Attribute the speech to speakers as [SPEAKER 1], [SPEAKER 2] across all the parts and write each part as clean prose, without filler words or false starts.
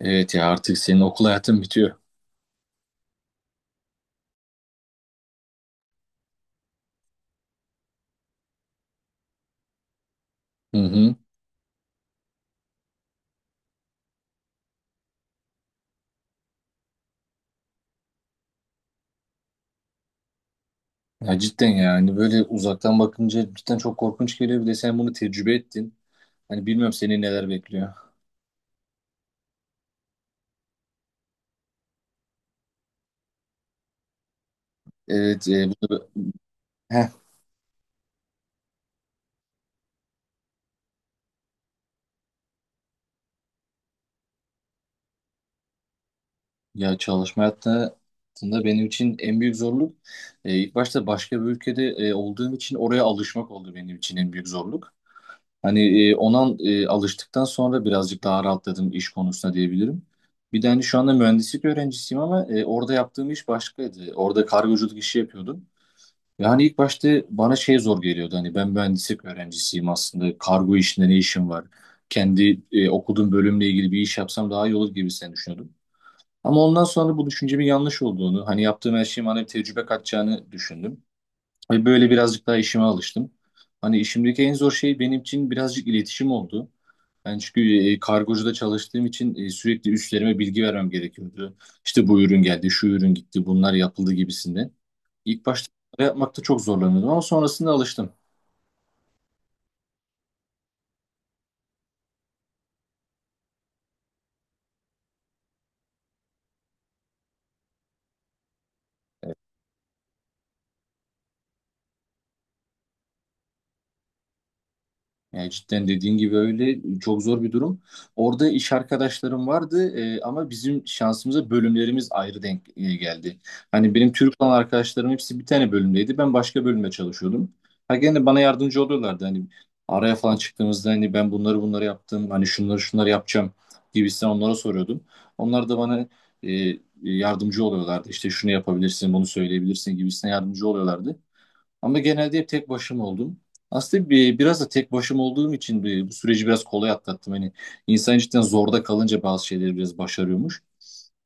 [SPEAKER 1] Evet ya artık senin okul hayatın bitiyor. Hı hı. Ya cidden yani böyle uzaktan bakınca cidden çok korkunç geliyor. Bir de sen bunu tecrübe ettin. Hani bilmiyorum seni neler bekliyor. Evet Heh. Ya çalışma hayatında benim için en büyük zorluk ilk başta başka bir ülkede olduğum için oraya alışmak oldu benim için en büyük zorluk. Hani ona alıştıktan sonra birazcık daha rahatladım iş konusunda diyebilirim. Bir de hani şu anda mühendislik öğrencisiyim ama orada yaptığım iş başkaydı. Orada kargoculuk işi yapıyordum. Yani ilk başta bana şey zor geliyordu. Hani ben mühendislik öğrencisiyim aslında. Kargo işinde ne işim var? Kendi okuduğum bölümle ilgili bir iş yapsam daha iyi olur gibi sen düşünüyordum. Ama ondan sonra bu düşüncemin yanlış olduğunu, hani yaptığım her şeyin bana bir tecrübe katacağını düşündüm. Ve böyle birazcık daha işime alıştım. Hani işimdeki en zor şey benim için birazcık iletişim oldu. Ben çünkü kargocuda çalıştığım için sürekli üstlerime bilgi vermem gerekiyordu. İşte bu ürün geldi, şu ürün gitti, bunlar yapıldı gibisinden. İlk başta bunları yapmakta çok zorlanıyordum ama sonrasında alıştım. Yani cidden dediğin gibi öyle çok zor bir durum. Orada iş arkadaşlarım vardı ama bizim şansımıza bölümlerimiz ayrı denk geldi. Hani benim Türk olan arkadaşlarım hepsi bir tane bölümdeydi. Ben başka bölümde çalışıyordum. Ha gene bana yardımcı oluyorlardı. Hani araya falan çıktığımızda hani ben bunları bunları yaptım. Hani şunları şunları yapacağım gibisinden onlara soruyordum. Onlar da bana yardımcı oluyorlardı. İşte şunu yapabilirsin, bunu söyleyebilirsin gibisinden yardımcı oluyorlardı. Ama genelde hep tek başıma oldum. Aslında biraz da tek başıma olduğum için bu süreci biraz kolay atlattım. Hani insan cidden zorda kalınca bazı şeyleri biraz başarıyormuş.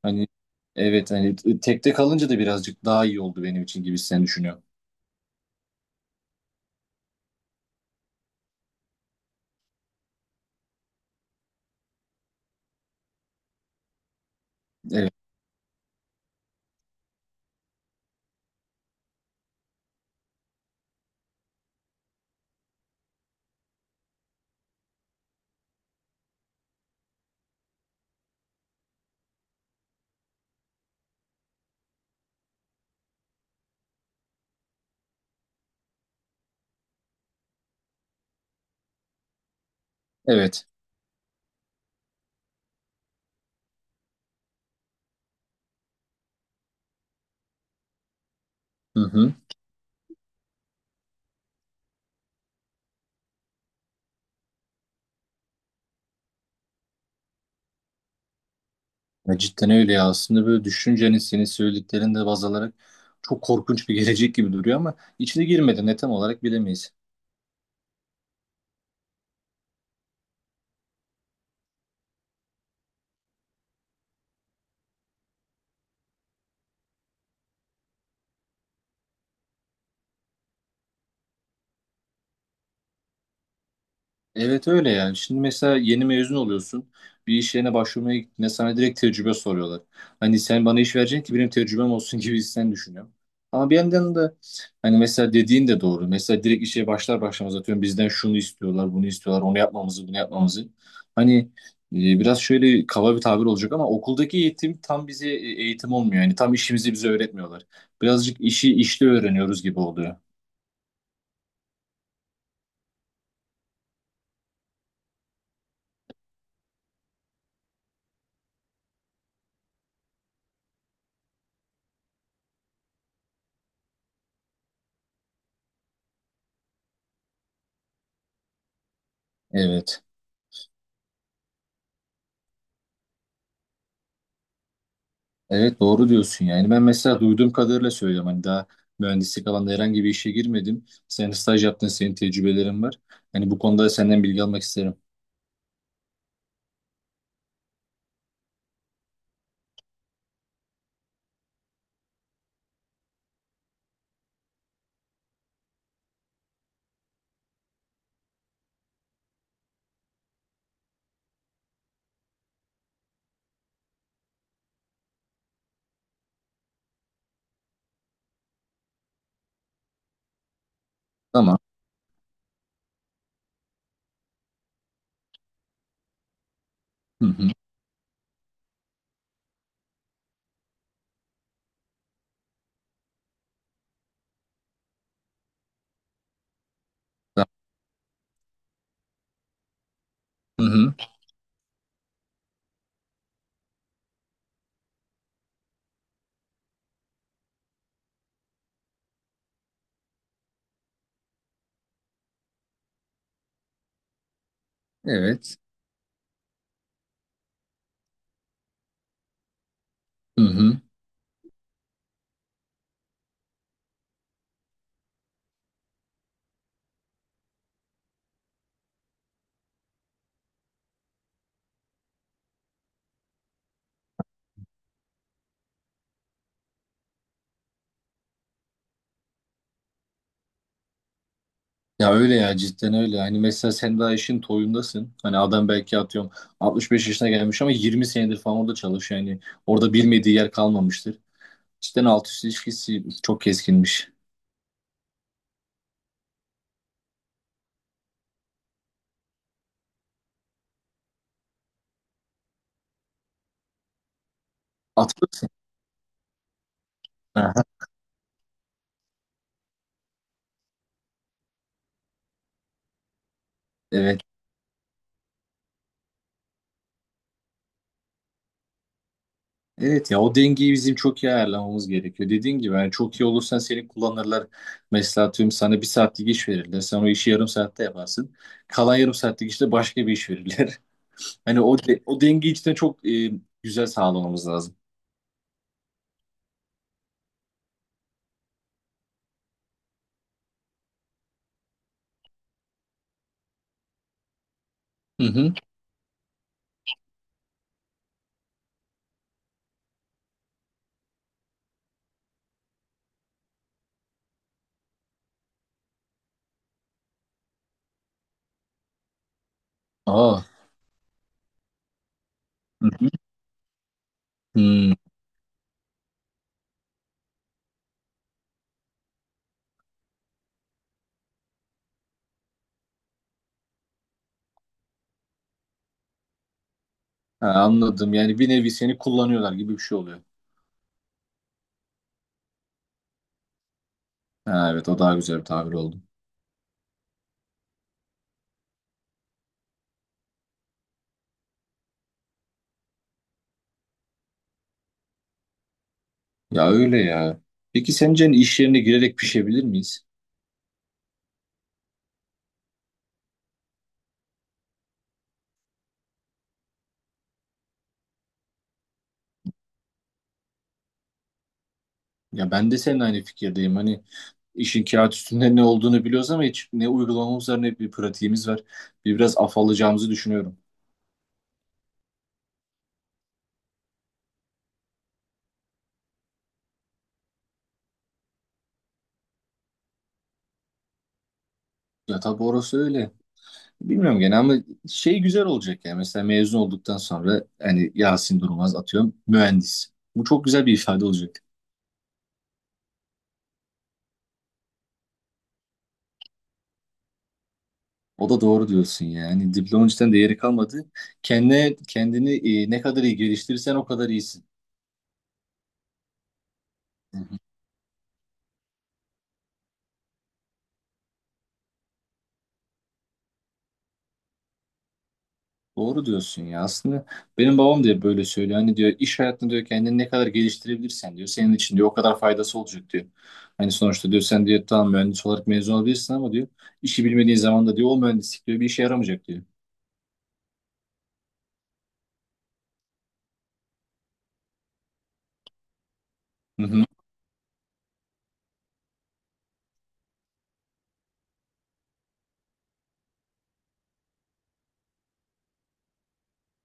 [SPEAKER 1] Hani evet hani tekte kalınca da birazcık daha iyi oldu benim için gibi sen düşünüyorum. Evet. Evet. Hı hı. Ya cidden öyle ya. Aslında böyle düşünce hani senin söylediklerinde baz alarak çok korkunç bir gelecek gibi duruyor ama içine girmeden ne tam olarak bilemeyiz. Evet öyle yani. Şimdi mesela yeni mezun oluyorsun. Bir iş yerine başvurmaya gittiğinde sana direkt tecrübe soruyorlar. Hani sen bana iş vereceksin ki benim tecrübem olsun gibi sen düşünüyorum. Ama bir yandan da hani mesela dediğin de doğru. Mesela direkt işe başlar başlamaz atıyorum bizden şunu istiyorlar, bunu istiyorlar, onu yapmamızı, bunu yapmamızı. Hani biraz şöyle kaba bir tabir olacak ama okuldaki eğitim tam bize eğitim olmuyor. Yani tam işimizi bize öğretmiyorlar. Birazcık işi işte öğreniyoruz gibi oluyor. Evet. Evet doğru diyorsun yani ben mesela duyduğum kadarıyla söylüyorum hani daha mühendislik alanında herhangi bir işe girmedim. Sen staj yaptın senin tecrübelerin var. Hani bu konuda senden bilgi almak isterim. Tamam. Hı hı. Tamam. Hı hı. Evet. Hı hı. Ya öyle ya cidden öyle. Hani mesela sen daha işin toyundasın. Hani adam belki atıyorum 65 yaşına gelmiş ama 20 senedir falan orada çalışıyor. Yani orada bilmediği yer kalmamıştır. Cidden alt üst ilişkisi çok keskinmiş. Atılırsın. Aha. Evet. Evet ya o dengeyi bizim çok iyi ayarlamamız gerekiyor. Dediğin gibi yani çok iyi olursan seni kullanırlar. Mesela tüm sana bir saatlik iş verirler. Sen o işi yarım saatte yaparsın. Kalan yarım saatlik işte başka bir iş verirler. Hani o dengeyi içten çok güzel sağlamamız lazım. Hı hı. Aa. Hı hı. Hmm. Ha, anladım. Yani bir nevi seni kullanıyorlar gibi bir şey oluyor. Ha, evet o daha güzel bir tabir oldu. Ya öyle ya. Peki sence hani iş yerine girerek pişebilir miyiz? Ya ben de seninle aynı fikirdeyim. Hani İşin kağıt üstünde ne olduğunu biliyoruz ama hiç ne uygulamamız var ne bir pratiğimiz var. Bir biraz afallayacağımızı düşünüyorum. Ya tabii orası öyle. Bilmiyorum gene ama şey güzel olacak yani. Mesela mezun olduktan sonra hani Yasin Durmaz atıyorum mühendis. Bu çok güzel bir ifade olacak. O da doğru diyorsun yani. Diplomanın cidden değeri kalmadı. Kendine, kendini ne kadar iyi geliştirirsen o kadar iyisin. Doğru diyorsun ya. Aslında benim babam da böyle söylüyor. Hani diyor iş hayatında diyor kendini ne kadar geliştirebilirsen diyor. Senin için diyor o kadar faydası olacak diyor. Hani sonuçta diyor sen diyor tamam mühendis olarak mezun olabilirsin ama diyor işi bilmediğin zaman da diyor o mühendislik diyor bir işe yaramayacak diyor. Hı hı.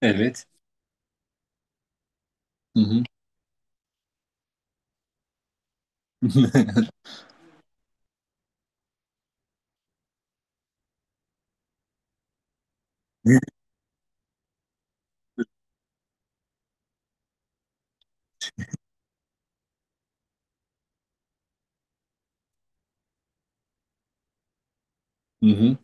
[SPEAKER 1] Evet. Hı hı. Hı hı.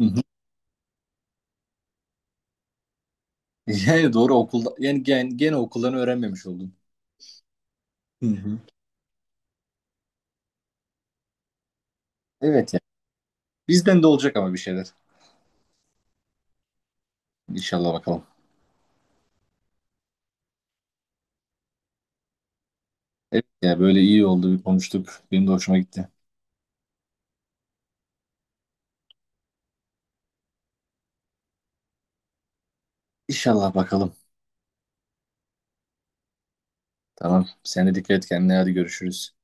[SPEAKER 1] Hı hı. Yani doğru okulda yani gene okuldan öğrenmemiş oldum. Hı hı. Evet ya. Bizden de olacak ama bir şeyler. İnşallah bakalım. Evet ya böyle iyi oldu bir konuştuk. Benim de hoşuma gitti. İnşallah bakalım. Tamam. Sen de dikkat et kendine. Hadi görüşürüz.